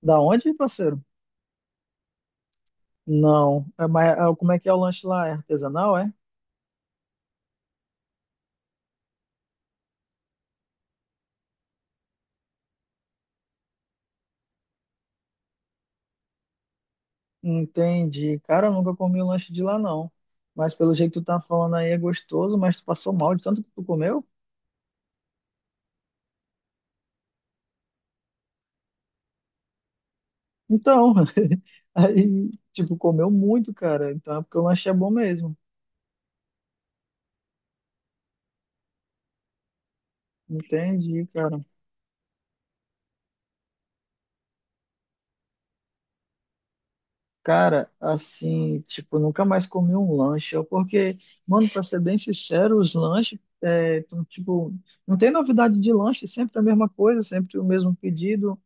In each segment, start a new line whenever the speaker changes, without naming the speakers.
Da onde, parceiro? Não. É, mas é, como é que é o lanche lá? É artesanal, é? Entendi. Cara, eu nunca comi um lanche de lá, não. Mas pelo jeito que tu tá falando aí é gostoso, mas tu passou mal de tanto que tu comeu? Então, aí, tipo, comeu muito, cara. Então é porque o lanche é bom mesmo. Entendi, cara. Cara, assim, tipo, nunca mais comi um lanche, ó, porque, mano, pra ser bem sincero, os lanches, é, tão, tipo, não tem novidade de lanche, sempre a mesma coisa, sempre o mesmo pedido,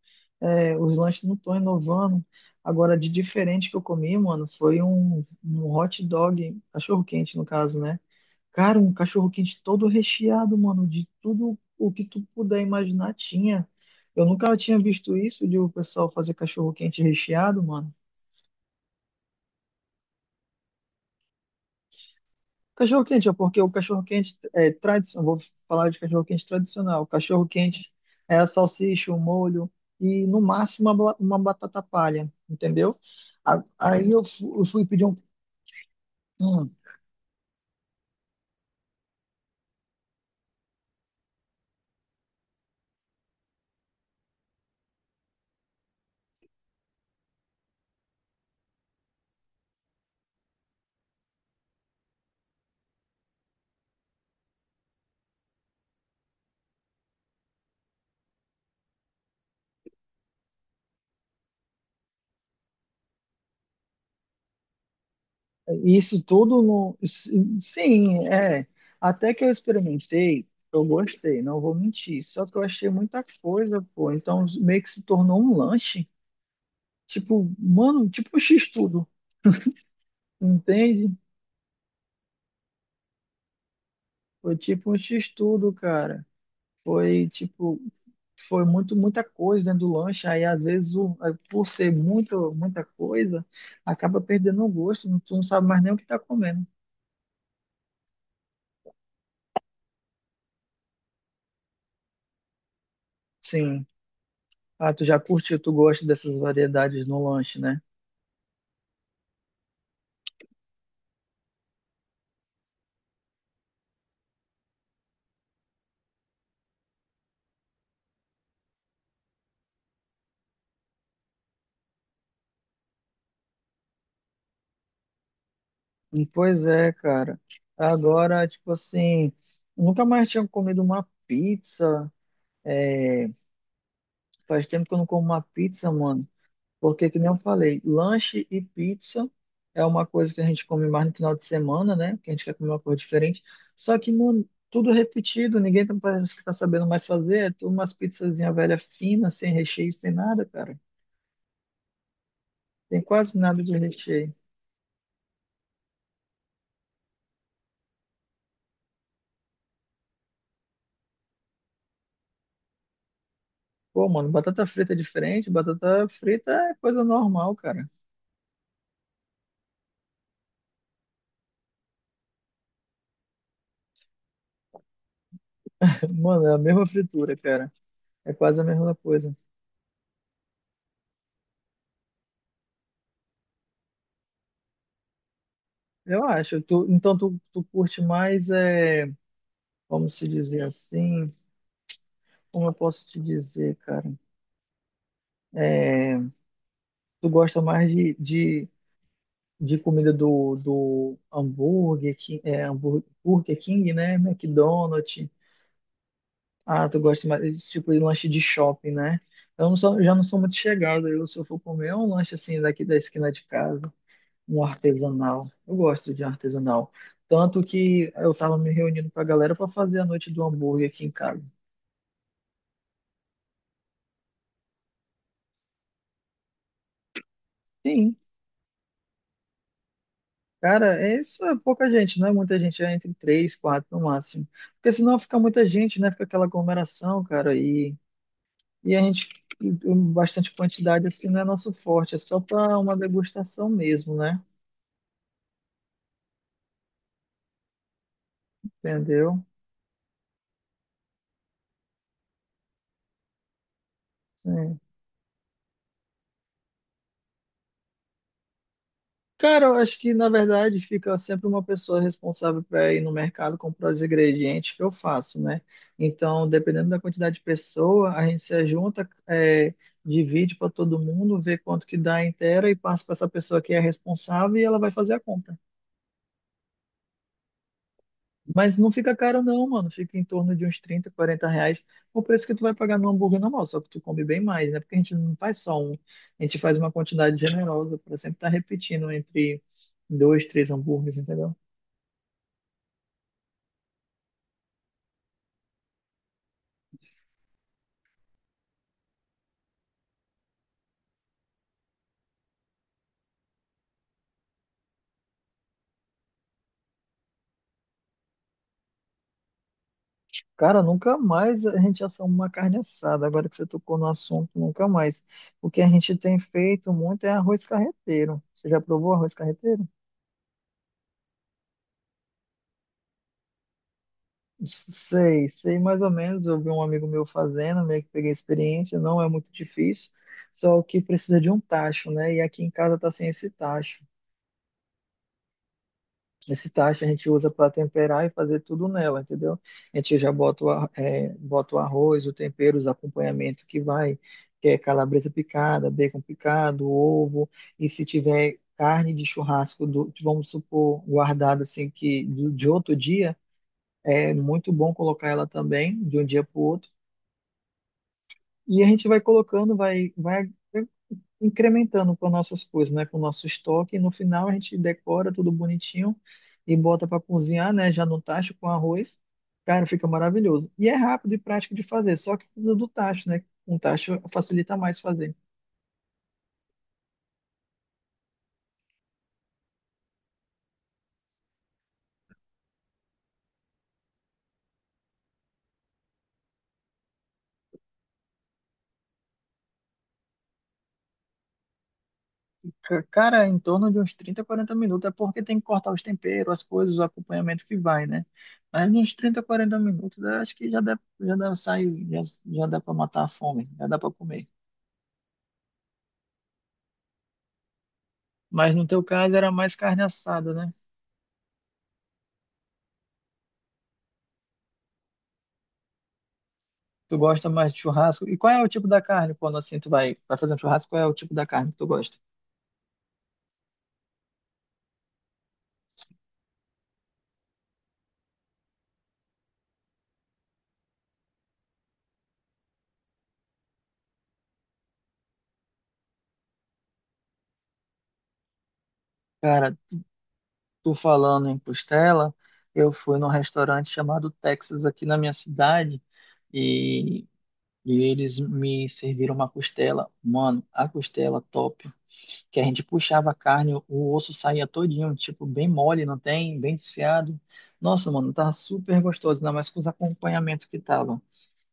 é, os lanches não estão inovando. Agora, de diferente que eu comi, mano, foi um hot dog, cachorro-quente, no caso, né? Cara, um cachorro-quente todo recheado, mano, de tudo o que tu puder imaginar tinha. Eu nunca tinha visto isso de o pessoal fazer cachorro-quente recheado, mano. Cachorro quente, ó, porque o cachorro quente é tradicional, vou falar de cachorro quente tradicional. O cachorro quente é a salsicha, o molho e no máximo uma, uma batata palha, entendeu? Aí eu fui pedir um. hum, isso tudo no. si- Sim, é. Até que eu experimentei, eu gostei, não vou mentir. Só que eu achei muita coisa, pô. Então meio que se tornou um lanche. Tipo, mano, tipo um X-tudo, entende? Foi tipo um X-tudo, cara. Foi tipo, foi muita coisa dentro do lanche. Aí às vezes, aí, por ser muita coisa, acaba perdendo o gosto. Tu não sabe mais nem o que tá comendo. Sim. Ah, tu já curtiu, tu gosta dessas variedades no lanche, né? Pois é, cara. Agora, tipo assim, nunca mais tinha comido uma pizza. Faz tempo que eu não como uma pizza, mano. Porque, que nem eu falei, lanche e pizza é uma coisa que a gente come mais no final de semana, né? Que a gente quer comer uma coisa diferente. Só que, mano, tudo repetido, ninguém tá, parece que tá sabendo mais fazer. É tudo umas pizzazinha velha fina, sem recheio, sem nada, cara. Tem quase nada de recheio. Pô, mano, batata frita é diferente. Batata frita é coisa normal, cara. Mano, é a mesma fritura, cara. É quase a mesma coisa. Eu acho. Então, tu curte mais, é, como se dizer assim? Como eu posso te dizer, cara? É, tu gosta mais de comida do hambúrguer, é, hambúrguer, Burger King, né? McDonald's. Ah, tu gosta mais desse tipo de lanche de shopping, né? Eu não sou, já não sou muito chegado. Eu, se eu for comer, é um lanche assim daqui da esquina de casa, um artesanal. Eu gosto de artesanal. Tanto que eu tava me reunindo com a galera para fazer a noite do hambúrguer aqui em casa. Sim. Cara, é isso é pouca gente, não é muita gente, é entre três, quatro no máximo. Porque senão fica muita gente, né? Fica aquela aglomeração, cara, e a gente, e bastante quantidade, assim, não é nosso forte, é só para uma degustação mesmo, né? Entendeu? É. Cara, eu acho que na verdade fica sempre uma pessoa responsável para ir no mercado comprar os ingredientes que eu faço, né? Então, dependendo da quantidade de pessoa, a gente se junta, é, divide para todo mundo, vê quanto que dá inteira e passa para essa pessoa que é responsável e ela vai fazer a compra. Mas não fica caro não, mano. Fica em torno de uns 30, 40 reais o preço que tu vai pagar no hambúrguer normal, só que tu come bem mais, né? Porque a gente não faz só um, a gente faz uma quantidade generosa para sempre estar repetindo entre dois, três hambúrgueres, entendeu? Cara, nunca mais a gente assoma uma carne assada. Agora que você tocou no assunto, nunca mais. O que a gente tem feito muito é arroz carreteiro. Você já provou arroz carreteiro? Sei, sei mais ou menos. Eu vi um amigo meu fazendo, meio que peguei a experiência. Não é muito difícil, só que precisa de um tacho, né? E aqui em casa tá sem esse tacho. Esse tacho a gente usa para temperar e fazer tudo nela, entendeu? A gente já bota bota o arroz, o tempero, os acompanhamentos que vai, que é calabresa picada, bacon picado, ovo, e se tiver carne de churrasco, do, vamos supor, guardada assim, que de outro dia, é muito bom colocar ela também, de um dia para o outro. E a gente vai colocando, vai incrementando com nossas coisas, né? Com o nosso estoque. E no final a gente decora tudo bonitinho e bota para cozinhar, né? Já no tacho com arroz. Cara, fica maravilhoso. E é rápido e prático de fazer, só que precisa do tacho, né? Um tacho facilita mais fazer. Cara, em torno de uns 30, 40 minutos, é porque tem que cortar os temperos, as coisas, o acompanhamento que vai, né? Mas uns 30, 40 minutos, eu acho que já dá, sai, já dá para matar a fome, já dá para comer. Mas no teu caso era mais carne assada, né? Tu gosta mais de churrasco? E qual é o tipo da carne quando assim tu vai, vai fazer um churrasco? Qual é o tipo da carne que tu gosta? Cara, tu falando em costela, eu fui num restaurante chamado Texas aqui na minha cidade e, e eles me serviram uma costela. Mano, a costela top. Que a gente puxava a carne, o osso saía todinho, tipo, bem mole, não tem? Bem desfiado. Nossa, mano, tava super gostoso, ainda mais com os acompanhamentos que tava.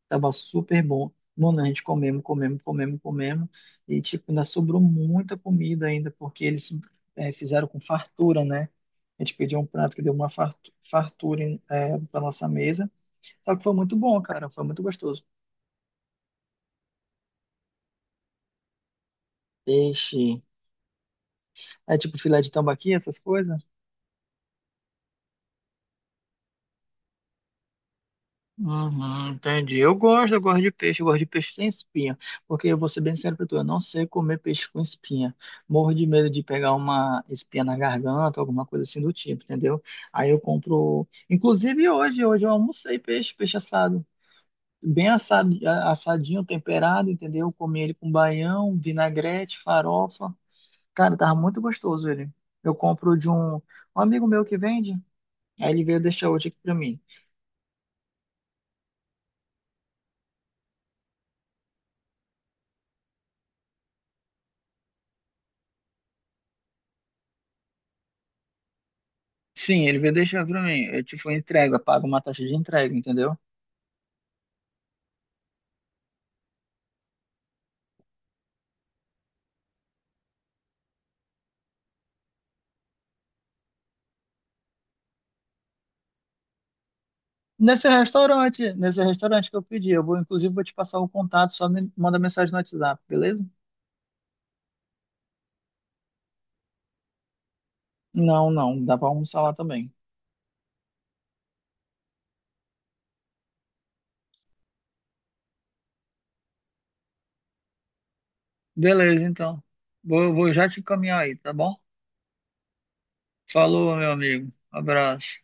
Tava super bom. Mano, a gente comemos, comemos, comemos, comemos. E, tipo, ainda sobrou muita comida ainda, porque eles fizeram com fartura, né? A gente pediu um prato que deu uma fartura pra nossa mesa. Só que foi muito bom, cara. Foi muito gostoso. Peixe. É tipo filé de tambaqui, essas coisas. Uhum, entendi. Eu gosto de peixe, eu gosto de peixe sem espinha. Porque eu vou ser bem sincero pra tu, eu não sei comer peixe com espinha. Morro de medo de pegar uma espinha na garganta, alguma coisa assim do tipo, entendeu? Aí eu compro. Inclusive hoje, hoje eu almocei peixe, peixe assado. Bem assado, assadinho, temperado, entendeu? Comi ele com baião, vinagrete, farofa. Cara, tava muito gostoso ele. Eu compro de um amigo meu que vende, aí ele veio deixar hoje aqui pra mim. Sim, ele veio deixar pra mim. Eu, tipo, entrega, paga uma taxa de entrega, entendeu? Nesse restaurante que eu pedi, eu vou, inclusive, vou te passar o contato, só me manda mensagem no WhatsApp, beleza? Não, não, dá pra almoçar lá também. Beleza, então. Vou, vou já te encaminhar aí, tá bom? Falou, meu amigo. Abraço.